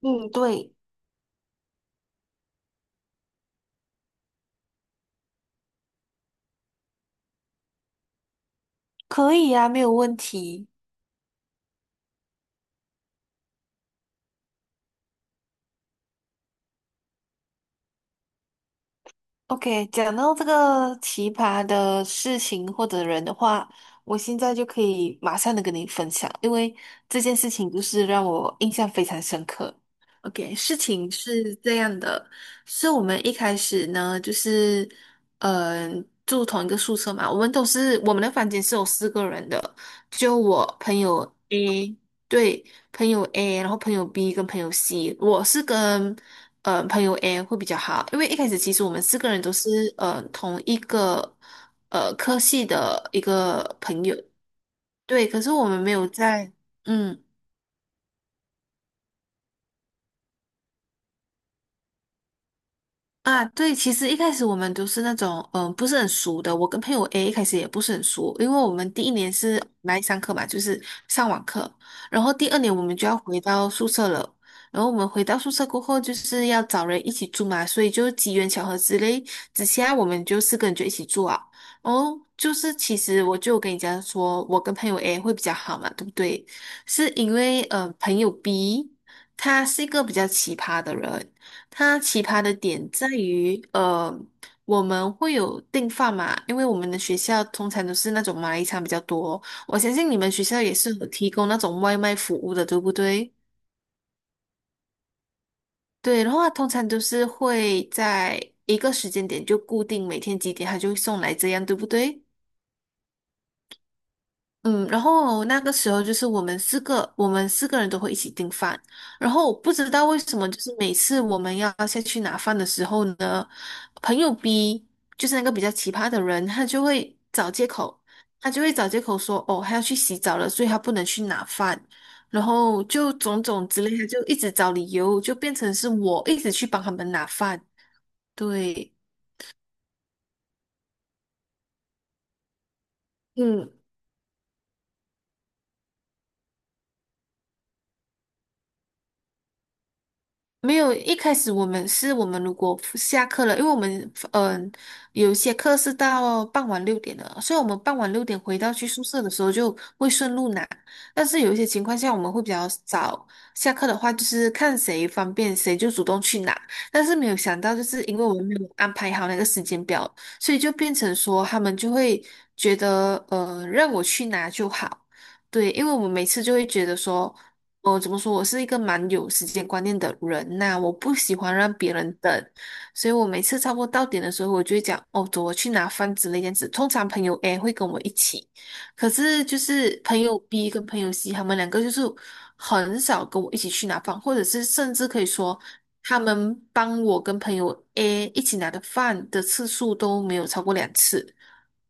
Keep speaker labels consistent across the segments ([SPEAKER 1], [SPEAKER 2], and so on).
[SPEAKER 1] 嗯，对，可以呀，没有问题。OK,讲到这个奇葩的事情或者人的话，我现在就可以马上的跟你分享，因为这件事情就是让我印象非常深刻。OK,事情是这样的，是我们一开始呢，就是住同一个宿舍嘛，我们的房间是有四个人的，就我朋友 A。对，朋友 A,然后朋友 B 跟朋友 C,我是跟朋友 A 会比较好，因为一开始其实我们四个人都是同一个科系的一个朋友，对，可是我们没有在嗯。啊，对，其实一开始我们都是那种，不是很熟的。我跟朋友 A 一开始也不是很熟，因为我们第一年是来上课嘛，就是上网课，然后第二年我们就要回到宿舍了。然后我们回到宿舍过后，就是要找人一起住嘛，所以就机缘巧合之类之下，我们就四个人就一起住啊。哦，就是其实我就跟你讲说，我跟朋友 A 会比较好嘛，对不对？是因为朋友 B 他是一个比较奇葩的人，它奇葩的点在于，我们会有订饭嘛，因为我们的学校通常都是那种马来餐比较多，我相信你们学校也是有提供那种外卖服务的，对不对？对，然后它通常都是会在一个时间点就固定每天几点，他就会送来这样，对不对？嗯，然后那个时候就是我们四个人都会一起订饭。然后不知道为什么，就是每次我们要下去拿饭的时候呢，朋友 B 就是那个比较奇葩的人，他就会找借口，说，哦，他要去洗澡了，所以他不能去拿饭。然后就种种之类他就一直找理由，就变成是我一直去帮他们拿饭。对，嗯，没有，一开始我们是如果下课了，因为我们嗯、呃有一些课是到傍晚六点的，所以我们傍晚六点回到去宿舍的时候就会顺路拿。但是有一些情况下我们会比较早下课的话，就是看谁方便谁就主动去拿。但是没有想到，就是因为我们没有安排好那个时间表，所以就变成说他们就会觉得让我去拿就好。对，因为我们每次就会觉得说。哦，怎么说？我是一个蛮有时间观念的人呐、我不喜欢让别人等，所以我每次差不多到点的时候，我就会讲哦，走，我去拿饭之类这样子。通常朋友 A 会跟我一起，可是就是朋友 B 跟朋友 C 他们两个就是很少跟我一起去拿饭，或者是甚至可以说他们帮我跟朋友 A 一起拿的饭的次数都没有超过2次。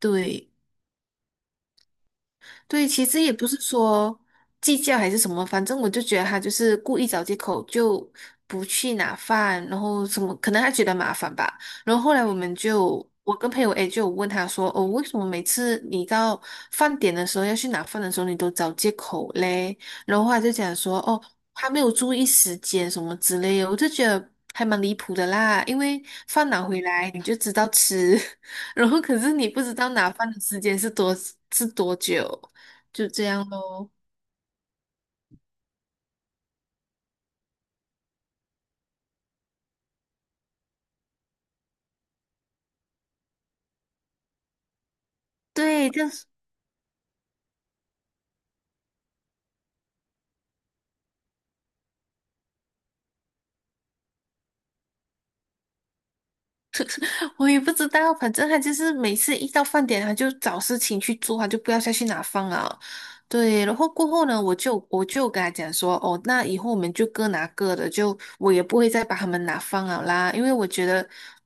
[SPEAKER 1] 对。对，其实也不是说计较还是什么，反正我就觉得他就是故意找借口，就不去拿饭，然后什么，可能他觉得麻烦吧。然后后来我们就，我跟朋友 A 就有问他说，哦，为什么每次你到饭点的时候要去拿饭的时候，你都找借口嘞？然后他就讲说，哦，他没有注意时间什么之类的，我就觉得。还蛮离谱的啦，因为饭拿回来你就知道吃，然后可是你不知道拿饭的时间是是多久。就这样咯。对，但是我也不知道，反正他就是每次一到饭点，他就找事情去做，他就不要再去拿饭了。对，然后过后呢，我就跟他讲说，哦，那以后我们就各拿各的，就我也不会再把他们拿饭了啦，因为我觉得，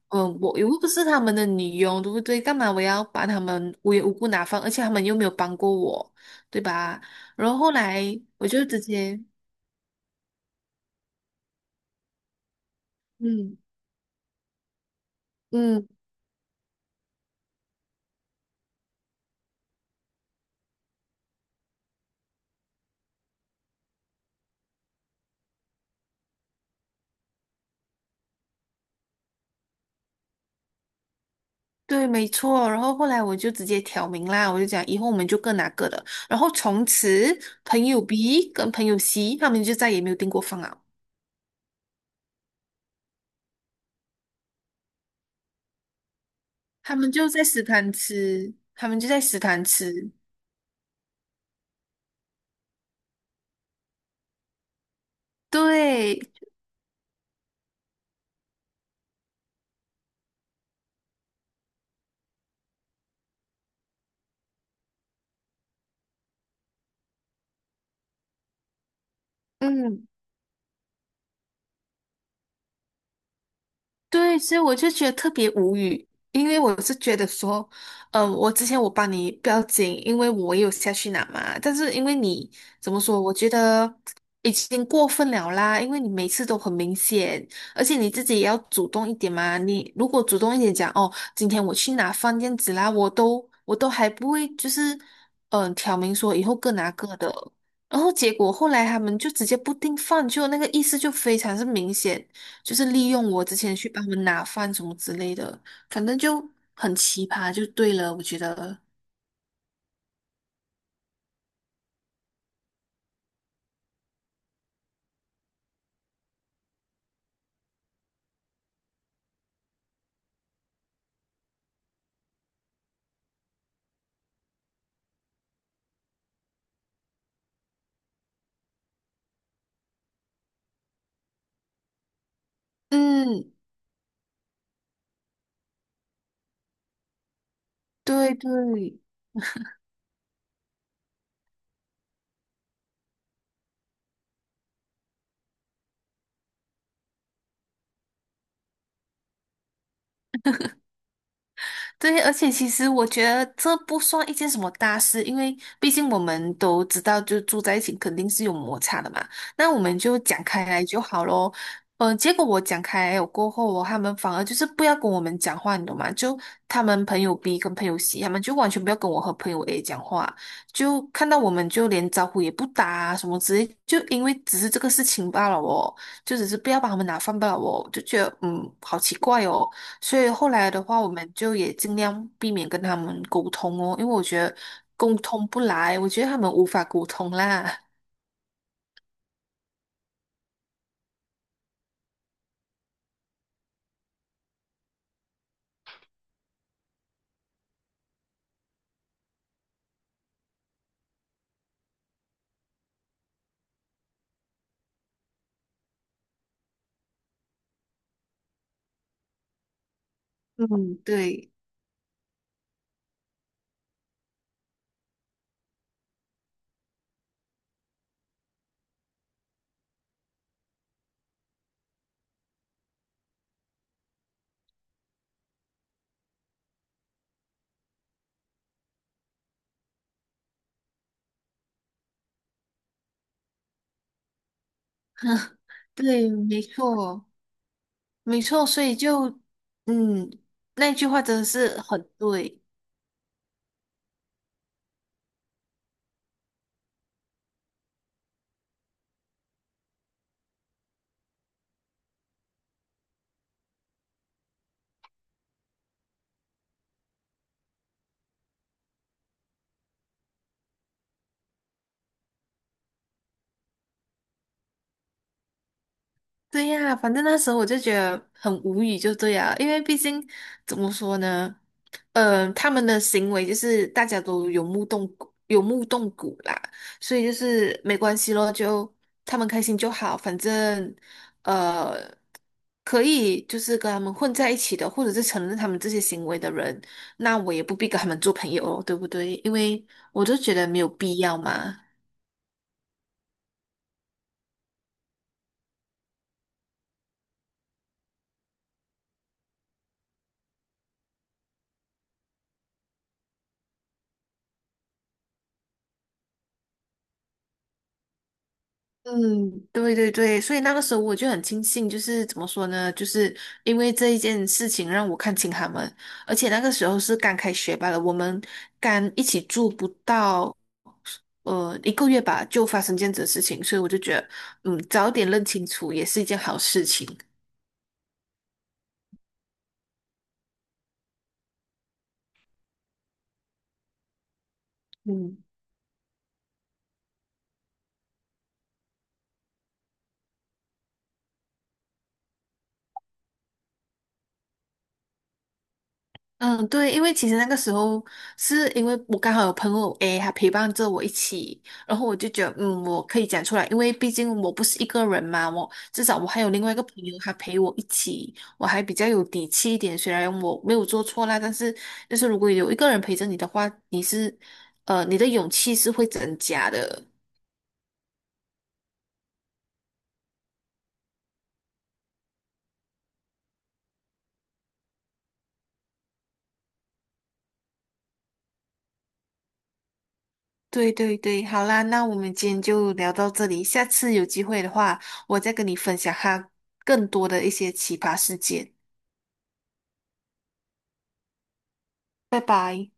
[SPEAKER 1] 我又不是他们的女佣，对不对？干嘛我要把他们无缘无故拿饭，而且他们又没有帮过我，对吧？然后后来我就直接，嗯。嗯，对，没错。然后后来我就直接挑明啦，我就讲以后我们就各拿各的。然后从此，朋友 B 跟朋友 C 他们就再也没有订过饭了，他们就在食堂吃。对，嗯。对，所以我就觉得特别无语，因为我是觉得说，我之前我帮你不要紧，因为我也有下去拿嘛，但是因为你怎么说，我觉得已经过分了啦，因为你每次都很明显，而且你自己也要主动一点嘛，你如果主动一点讲，哦，今天我去拿放这样子啦，我都还不会就是，挑明说以后各拿各的，然后结果后来他们就直接不订饭，就那个意思就非常是明显。就是利用我之前去帮他们拿饭什么之类的，反正就很奇葩，就对了，我觉得。嗯，对对，对，而且其实我觉得这不算一件什么大事，因为毕竟我们都知道，就住在一起肯定是有摩擦的嘛。那我们就讲开来就好咯。嗯，结果我讲开来过后哦，他们反而就是不要跟我们讲话，你懂吗？就他们朋友 B 跟朋友 C,他们就完全不要跟我和朋友 A 讲话，就看到我们就连招呼也不打啊，什么之类，就因为只是这个事情罢了哦，就只是不要把他们拿饭罢了哦，就觉得嗯，好奇怪哦。所以后来的话，我们就也尽量避免跟他们沟通哦，因为我觉得沟通不来，我觉得他们无法沟通啦。嗯，对对，没错没错，所以就嗯，那句话真的是很对。对呀，反正那时候我就觉得很无语，就对呀，因为毕竟怎么说呢，他们的行为就是大家都有目共睹，有目共睹啦，所以就是没关系咯，就他们开心就好，反正呃，可以就是跟他们混在一起的，或者是承认他们这些行为的人，那我也不必跟他们做朋友哦，对不对？因为我就觉得没有必要嘛。嗯，对对对，所以那个时候我就很庆幸，就是怎么说呢，就是因为这一件事情让我看清他们，而且那个时候是刚开学罢了，我们刚一起住不到1个月吧，就发生这样子的事情，所以我就觉得，嗯，早点认清楚也是一件好事情。嗯。嗯，对，因为其实那个时候是因为我刚好有朋友 A,他陪伴着我一起，然后我就觉得，嗯，我可以讲出来，因为毕竟我不是一个人嘛，至少我还有另外一个朋友，他陪我一起，我还比较有底气一点。虽然我没有做错啦，但是就是如果有一个人陪着你的话，你是，你的勇气是会增加的。对对对，好啦，那我们今天就聊到这里，下次有机会的话，我再跟你分享他更多的一些奇葩事件。拜拜。